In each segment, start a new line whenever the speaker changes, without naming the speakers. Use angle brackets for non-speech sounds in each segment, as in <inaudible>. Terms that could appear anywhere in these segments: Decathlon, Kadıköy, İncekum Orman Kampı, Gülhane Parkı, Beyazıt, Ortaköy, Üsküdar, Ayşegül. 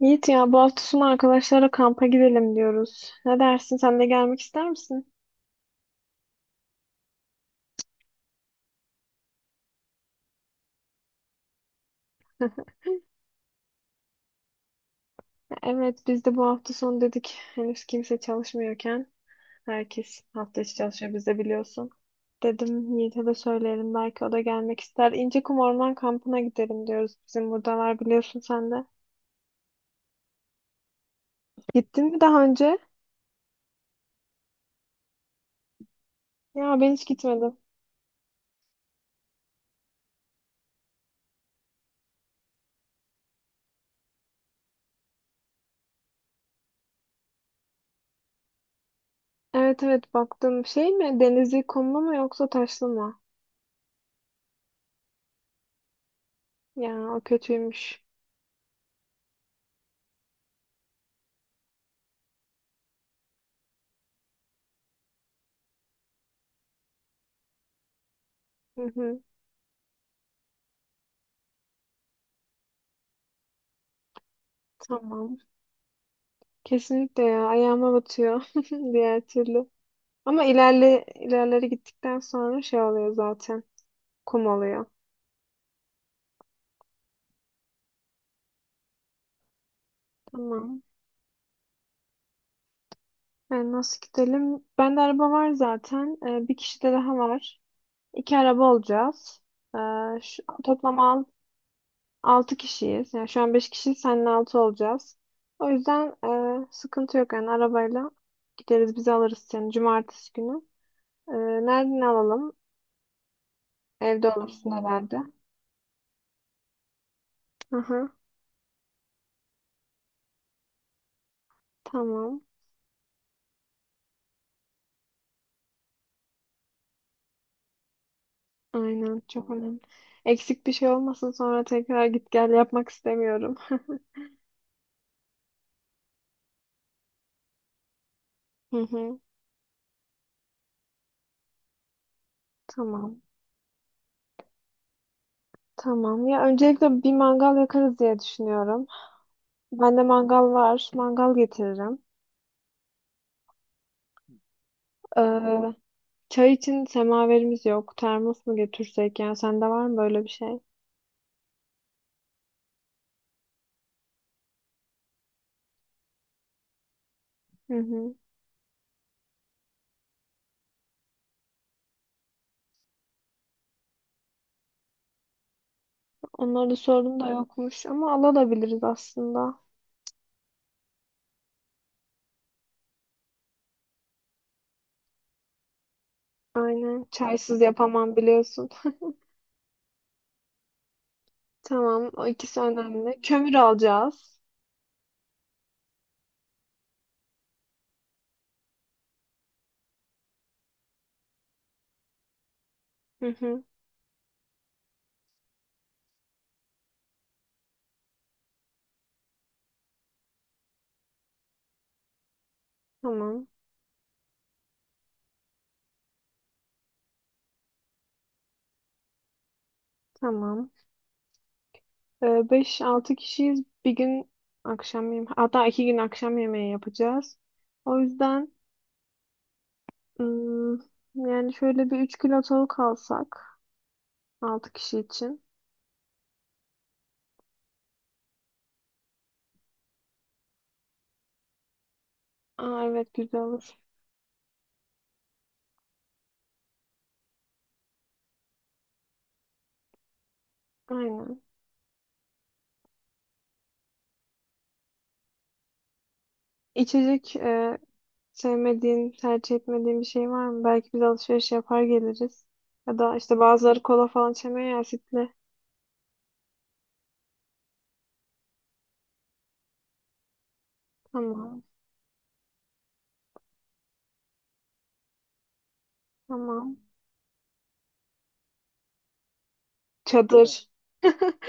Yiğit ya bu hafta sonu arkadaşlara kampa gidelim diyoruz. Ne dersin? Sen de gelmek ister misin? <laughs> Evet biz de bu hafta sonu dedik. Henüz kimse çalışmıyorken herkes hafta içi çalışıyor biz de biliyorsun. Dedim Yiğit'e de söyleyelim belki o da gelmek ister. İncekum Orman Kampı'na gidelim diyoruz. Bizim buradalar biliyorsun sen de. Gittin mi daha önce? Ya ben hiç gitmedim. Evet, evet, baktım. Şey mi? Denizli kumlu mu yoksa taşlı mı? Ya o kötüymüş. Hı hı, tamam. Kesinlikle ya ayağıma batıyor <laughs> diğer türlü. Ama ilerleri gittikten sonra şey oluyor zaten. Kum oluyor. Tamam. Yani nasıl gidelim? Bende araba var zaten. Bir kişi de daha var. İki araba olacağız. Ee, şu, toplam al, Altı kişiyiz. Yani şu an beş kişi seninle altı olacağız. O yüzden sıkıntı yok yani arabayla gideriz bizi alırız yani cumartesi günü. Ee, Nereden alalım? Evde olursun herhalde. Aha, tamam. Aynen, çok önemli. Eksik bir şey olmasın, sonra tekrar git gel yapmak istemiyorum. Hı hı. Tamam. Tamam. Ya öncelikle bir mangal yakarız diye düşünüyorum. Bende mangal var. Mangal getiririm. Ee, Çay için semaverimiz yok. Termos mu getirsek? Yani sende var mı böyle bir şey? Hı hı. Onlara da sordum da yokmuş ama alabiliriz aslında. Aynen. Çaysız yapamam biliyorsun. <laughs> Tamam. O ikisi önemli. Kömür alacağız. Hı hı. Tamam. Tamam. Beş altı kişiyiz. Bir gün akşam yemeği, hatta iki gün akşam yemeği yapacağız. O yüzden ım, yani şöyle bir 3 kilo tavuk alsak 6 kişi için. Aa, evet güzel olur. Aynen. İçecek sevmediğin, tercih etmediğin bir şey var mı? Belki biz alışveriş yapar geliriz. Ya da işte bazıları kola falan içemiyor ya, asitli. Tamam. Tamam. Çadır. <laughs>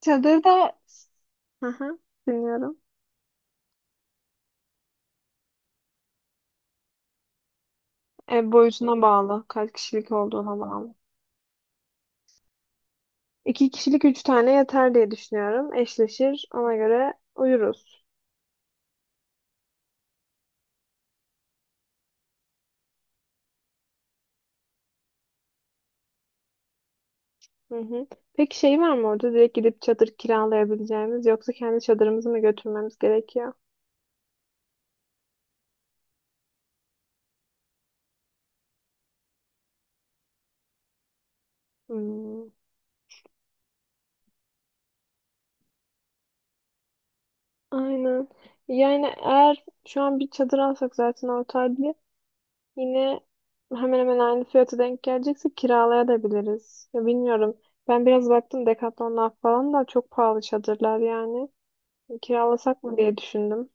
Çadır da... Hı hı, dinliyorum. Ev boyutuna bağlı. Kaç kişilik olduğuna bağlı. İki kişilik üç tane yeter diye düşünüyorum. Eşleşir. Ona göre uyuruz. Hı hı. Peki şey var mı orada? Direkt gidip çadır kiralayabileceğimiz, yoksa kendi çadırımızı mı götürmemiz gerekiyor? Hmm, aynen. Yani eğer şu an bir çadır alsak zaten ortaydı, yine hemen hemen aynı fiyata denk gelecekse kiralayabiliriz. Ya, bilmiyorum. Ben biraz baktım, Decathlon'dan falan da çok pahalı çadırlar yani. Kiralasak mı diye düşündüm.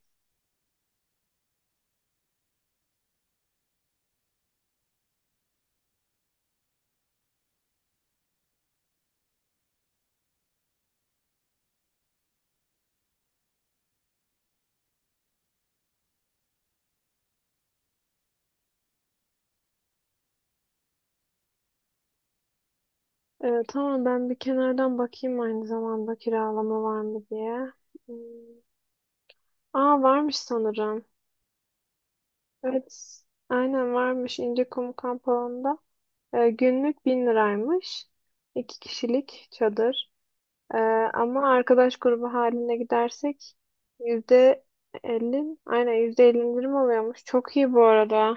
Tamam, ben bir kenardan bakayım aynı zamanda kiralama var mı diye. Hmm. Aa, varmış sanırım. Evet. Aynen, varmış İncekum kamp alanında. Günlük 1.000 liraymış. İki kişilik çadır. Ee, Ama arkadaş grubu haline gidersek %50, aynen %50 indirim oluyormuş. Çok iyi bu arada.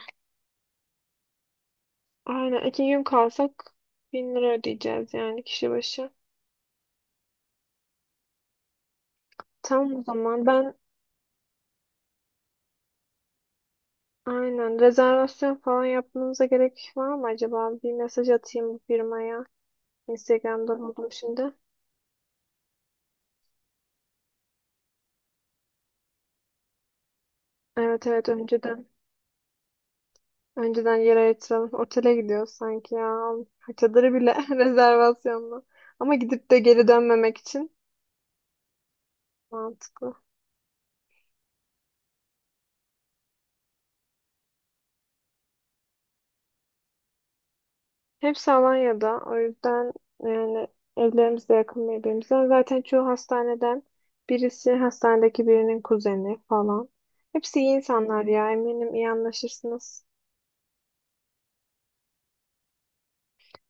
Aynen, iki gün kalsak 1.000 lira ödeyeceğiz yani kişi başı. Tamam o zaman ben... Aynen. Rezervasyon falan yapmanıza gerek var mı acaba? Bir mesaj atayım bu firmaya. Instagram'da buldum şimdi. Evet, evet, önceden. Önceden yer ayırtalım. Otele gidiyoruz sanki ya. Çadırı bile <laughs> rezervasyonla. Ama gidip de geri dönmemek için mantıklı. Hepsi Alanya'da. O yüzden yani evlerimiz de yakın birbirimize. Zaten çoğu hastaneden, birisi hastanedeki birinin kuzeni falan. Hepsi iyi insanlar ya. Eminim iyi anlaşırsınız.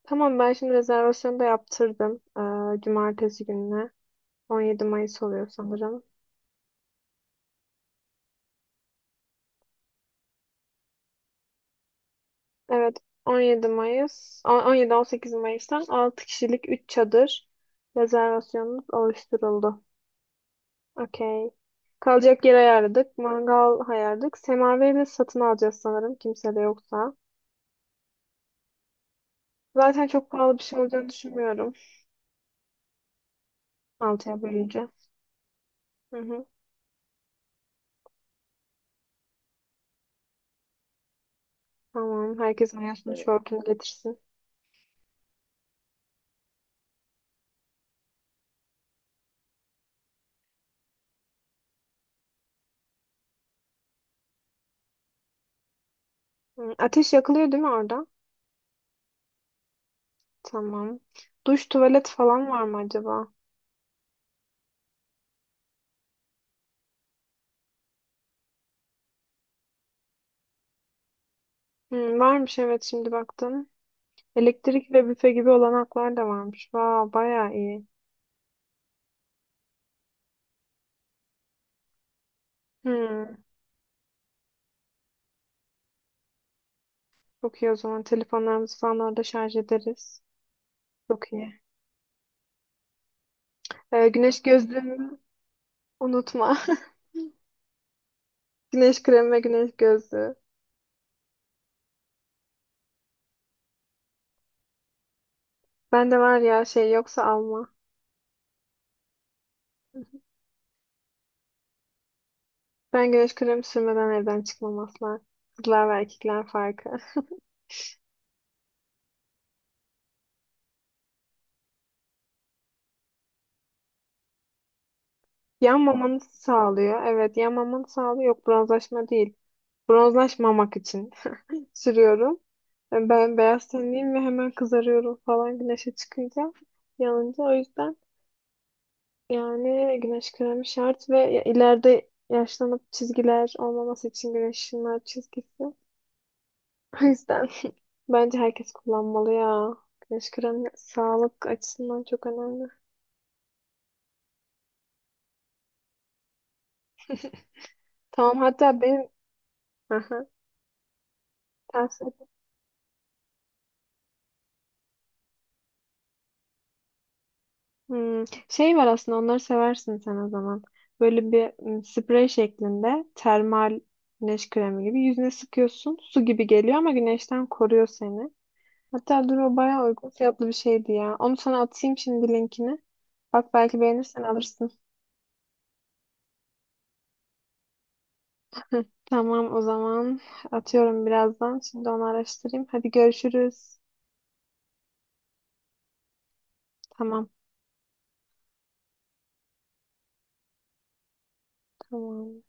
Tamam, ben şimdi rezervasyonu da yaptırdım. Cumartesi gününe. 17 Mayıs oluyor sanırım. Evet, 17 Mayıs, 17-18 Mayıs'tan 6 kişilik 3 çadır rezervasyonumuz oluşturuldu. Okey. Kalacak yer ayarladık, mangal ayarladık. Semaverini de satın alacağız sanırım kimse de yoksa. Zaten çok pahalı bir şey olacağını düşünmüyorum, altıya bölünce. Hı hı. Tamam, herkes ayasını... Evet. Şortunu getirsin. Hı, ateş yakılıyor değil mi orada? Tamam. Duş, tuvalet falan var mı acaba? Hmm, varmış, evet, şimdi baktım. Elektrik ve büfe gibi olanaklar da varmış. Vay, bayağı iyi. Hmm, çok iyi o zaman, telefonlarımızı falan orada şarj ederiz. Çok iyi. Güneş gözlüğümü unutma. <laughs> Güneş kremi ve güneş gözlüğü. Ben de var ya, şey yoksa alma. Ben güneş kremi sürmeden evden çıkmam asla. Kızlar ve erkekler farkı. <laughs> Yanmamanı sağlıyor. Evet, yanmamanı sağlıyor. Yok, bronzlaşma değil. Bronzlaşmamak için sürüyorum. Yani ben beyaz tenliyim ve hemen kızarıyorum falan, güneşe çıkınca, yanınca. O yüzden yani güneş kremi şart ve ileride yaşlanıp çizgiler olmaması için, güneş ışınlar çizgisi. O yüzden <laughs> bence herkes kullanmalı ya. Güneş kremi sağlık açısından çok önemli. Tamam, hatta benim... Aha, hmm, şey var aslında, onları seversin sen o zaman. Böyle bir sprey şeklinde termal güneş kremi gibi, yüzüne sıkıyorsun. Su gibi geliyor ama güneşten koruyor seni. Hatta dur, o bayağı uygun fiyatlı bir şeydi ya. Onu sana atayım şimdi linkini. Bak, belki beğenirsen alırsın. Tamam o zaman, atıyorum birazdan. Şimdi onu araştırayım. Hadi görüşürüz. Tamam, tamam.